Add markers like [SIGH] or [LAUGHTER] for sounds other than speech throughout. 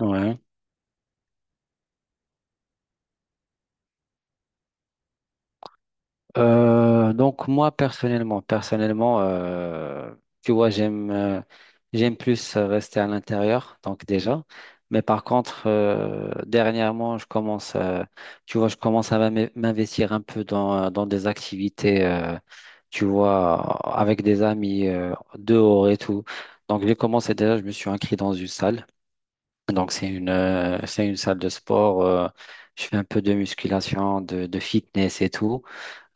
Ouais. Donc moi personnellement, personnellement, tu vois, j'aime plus rester à l'intérieur, donc déjà. Mais par contre, dernièrement, tu vois, je commence à m'investir un peu dans des activités, tu vois, avec des amis dehors et tout. Donc j'ai commencé déjà, je me suis inscrit dans une salle. Donc c'est une salle de sport. Je fais un peu de musculation, de fitness et tout.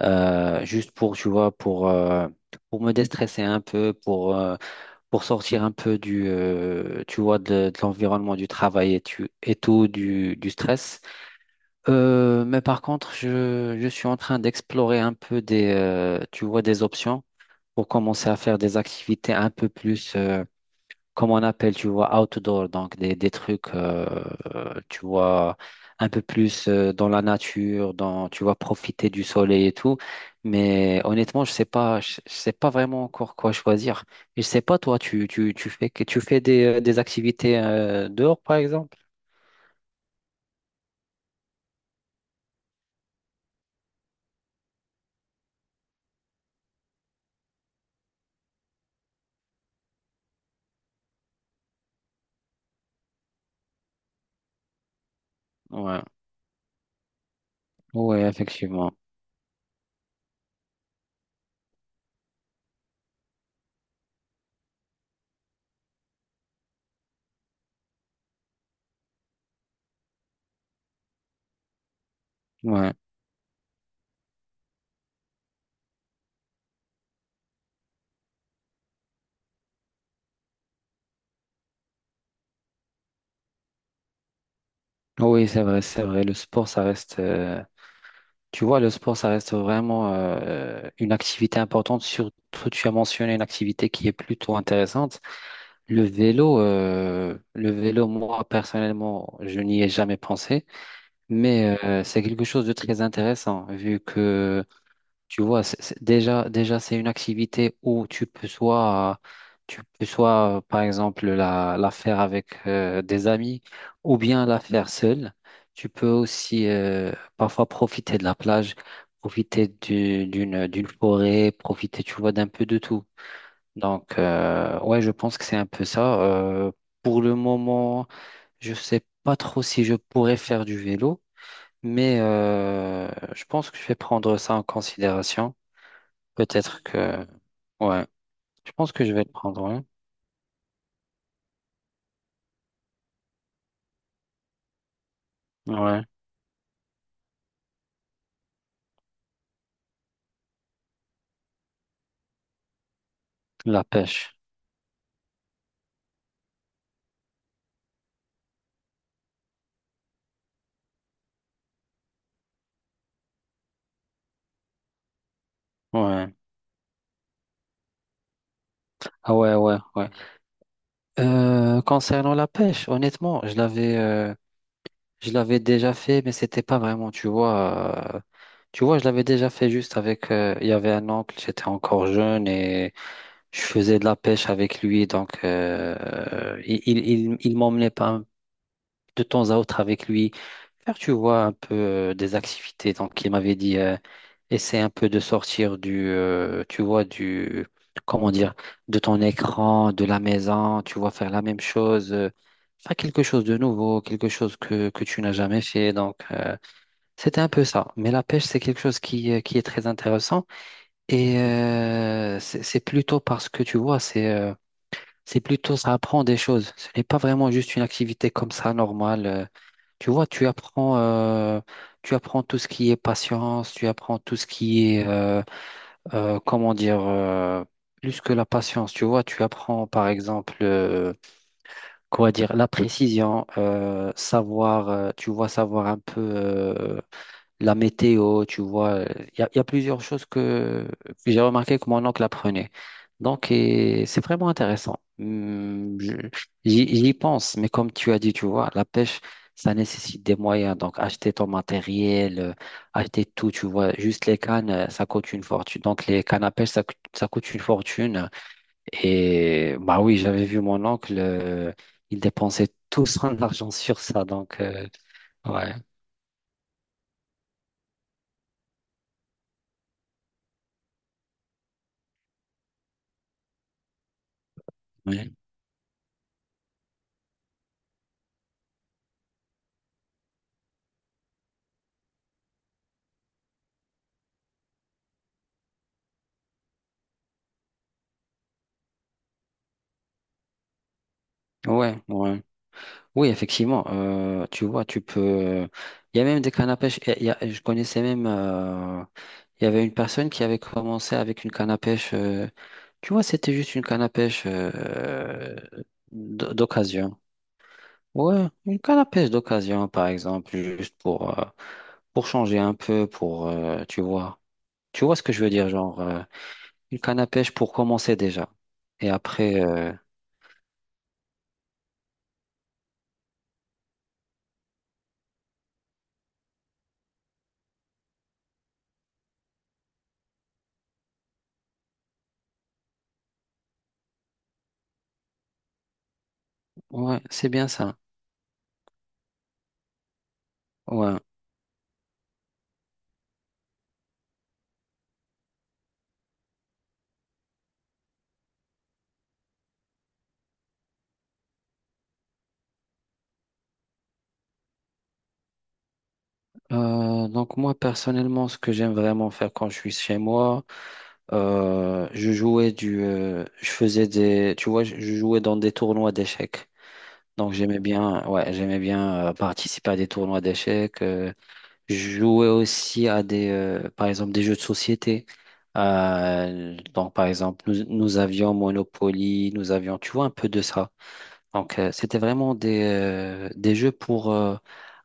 Juste pour, tu vois, pour me déstresser un peu, pour sortir un peu tu vois, de l'environnement du travail et tout, du stress. Mais par contre, je suis en train d'explorer un peu tu vois, des options pour commencer à faire des activités un peu plus. Comme on appelle, tu vois, outdoor, donc des trucs, tu vois, un peu plus dans la nature, tu vois, profiter du soleil et tout. Mais honnêtement, je sais pas vraiment encore quoi choisir. Et je sais pas, toi, tu fais des activités dehors, par exemple? Ouais, ouais, effectivement. Ouais. Oui, c'est vrai, c'est vrai. Le sport, ça reste, Tu vois, le sport, ça reste vraiment une activité importante. Surtout, tu as mentionné une activité qui est plutôt intéressante. Le vélo, moi personnellement, je n'y ai jamais pensé, mais c'est quelque chose de très intéressant vu que tu vois, déjà c'est une activité où tu peux soit, par exemple la faire avec des amis ou bien la faire seule. Tu peux aussi parfois profiter de la plage, profiter d'une forêt, profiter, tu vois, d'un peu de tout. Donc, ouais, je pense que c'est un peu ça. Pour le moment, je sais pas trop si je pourrais faire du vélo, mais je pense que je vais prendre ça en considération. Peut-être que, ouais, je pense que je vais le prendre, ouais. Ouais, la pêche, ouais. Ah ouais, ouais, ouais. Concernant la pêche, honnêtement, je l'avais déjà fait, mais c'était pas vraiment, tu vois. Tu vois, je l'avais déjà fait juste avec, il y avait un oncle, j'étais encore jeune et je faisais de la pêche avec lui, donc il m'emmenait pas de temps à autre avec lui faire, tu vois, un peu des activités. Donc il m'avait dit, essaie un peu de sortir tu vois, comment dire, de ton écran, de la maison, tu vois, faire la même chose, faire quelque chose de nouveau, quelque chose que tu n'as jamais fait. Donc c'était un peu ça. Mais la pêche, c'est quelque chose qui est très intéressant et c'est plutôt parce que, tu vois, c'est plutôt ça apprend des choses. Ce n'est pas vraiment juste une activité comme ça normale. Tu vois, tu apprends tout ce qui est patience, tu apprends tout ce qui est, comment dire, plus que la patience. Tu vois, tu apprends par exemple, quoi dire, la précision, tu vois, savoir un peu. La météo, tu vois. Il y a plusieurs choses que j'ai remarqué que mon oncle apprenait. Donc, et c'est vraiment intéressant. J'y pense, mais comme tu as dit, tu vois, la pêche, ça nécessite des moyens. Donc, acheter ton matériel, acheter tout, tu vois. Juste les cannes, ça coûte une fortune. Donc, les cannes à pêche, ça coûte une fortune. Et bah oui, j'avais vu mon oncle, il dépensait tout son [LAUGHS] argent sur ça. Donc, ouais, ouais, ouais. Ouais. Oui, effectivement, tu vois, tu peux. Il y a même des cannes à pêche. Je connaissais même. Il y avait une personne qui avait commencé avec une canne à pêche. Tu vois, c'était juste une canne à pêche d'occasion. Ouais, une canne à pêche d'occasion, par exemple, juste pour changer un peu, tu vois. Tu vois ce que je veux dire, genre, une canne à pêche pour commencer déjà. Et après, ouais, c'est bien ça. Ouais. Donc moi personnellement, ce que j'aime vraiment faire quand je suis chez moi, je jouais du, je faisais des, tu vois, je jouais dans des tournois d'échecs. Donc j'aimais bien, ouais, j'aimais bien participer à des tournois d'échecs. Je jouais aussi à des, par exemple, des jeux de société. Donc par exemple, nous avions Monopoly, nous avions, tu vois, un peu de ça. Donc, c'était vraiment des jeux pour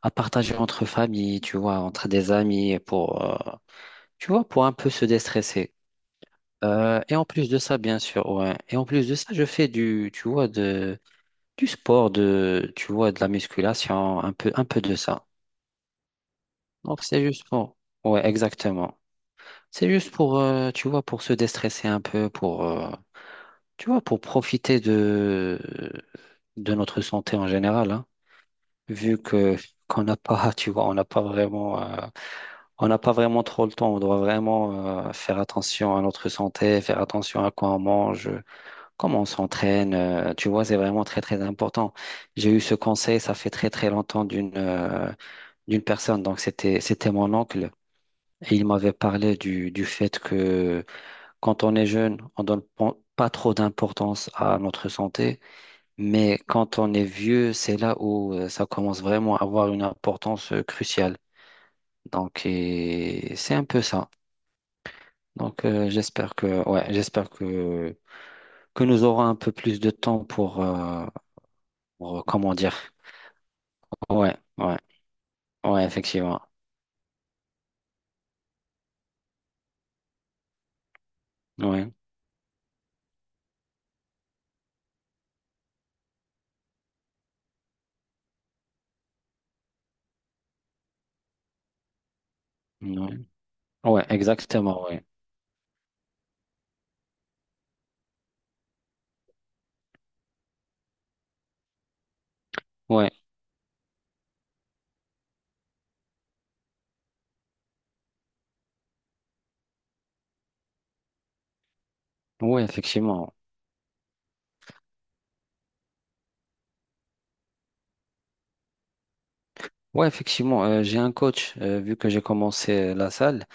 à partager entre familles, tu vois, entre des amis, tu vois, pour un peu se déstresser. Et en plus de ça, bien sûr, ouais. Et en plus de ça, je fais tu vois, du sport, tu vois, de la musculation, un peu de ça. Donc, c'est juste pour, ouais, exactement. C'est juste pour, tu vois, pour se déstresser un peu, tu vois, pour profiter de notre santé en général, hein. Vu que qu'on n'a pas, [LAUGHS] tu vois, on n'a pas vraiment trop le temps. On doit vraiment faire attention à notre santé, faire attention à quoi on mange, comment on s'entraîne. Tu vois, c'est vraiment très très important. J'ai eu ce conseil, ça fait très très longtemps d'une personne. Donc c'était mon oncle. Et il m'avait parlé du fait que quand on est jeune, on donne pas trop d'importance à notre santé. Mais quand on est vieux, c'est là où ça commence vraiment à avoir une importance cruciale. Donc, et c'est un peu ça. Donc, j'espère que, ouais, que nous aurons un peu plus de temps pour, comment dire. Ouais, ouais, ouais, effectivement. Ouais, ouais, ouais, exactement, ouais. Ouais, ouais, effectivement. Ouais, effectivement, j'ai un coach, vu que j'ai commencé la salle.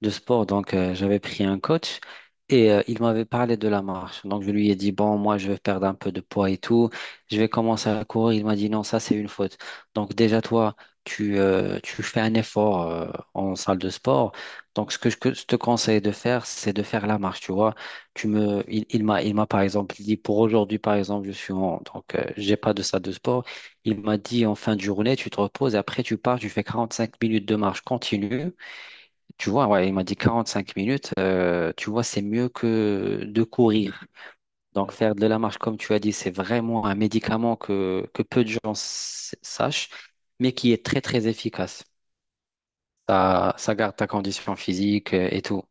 de sport. Donc, j'avais pris un coach et il m'avait parlé de la marche. Donc, je lui ai dit, bon, moi, je vais perdre un peu de poids et tout. Je vais commencer à courir. Il m'a dit, non, ça, c'est une faute. Donc, déjà, toi, tu fais un effort en salle de sport. Donc, ce que je te conseille de faire, c'est de faire la marche, tu vois. Tu me, il m'a, par exemple, dit, pour aujourd'hui, par exemple, donc, j'ai pas de salle de sport. Il m'a dit, en fin de journée, tu te reposes et après, tu pars, tu fais 45 minutes de marche continue. Tu vois, ouais, il m'a dit 45 minutes, tu vois, c'est mieux que de courir. Donc, faire de la marche, comme tu as dit, c'est vraiment un médicament que peu de gens sachent, mais qui est très, très efficace. Ça garde ta condition physique et tout.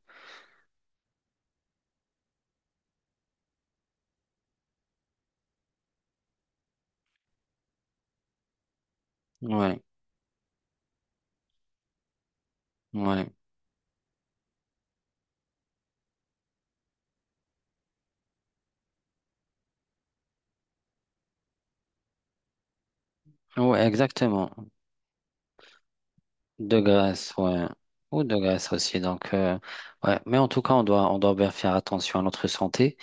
Ouais, ouais, ouais, exactement. De graisse, ouais. Ou de graisse aussi. Donc, ouais. Mais en tout cas, on doit bien faire attention à notre santé.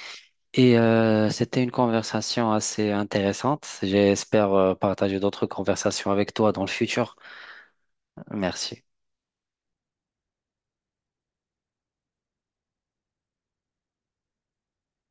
Et c'était une conversation assez intéressante. J'espère partager d'autres conversations avec toi dans le futur. Merci.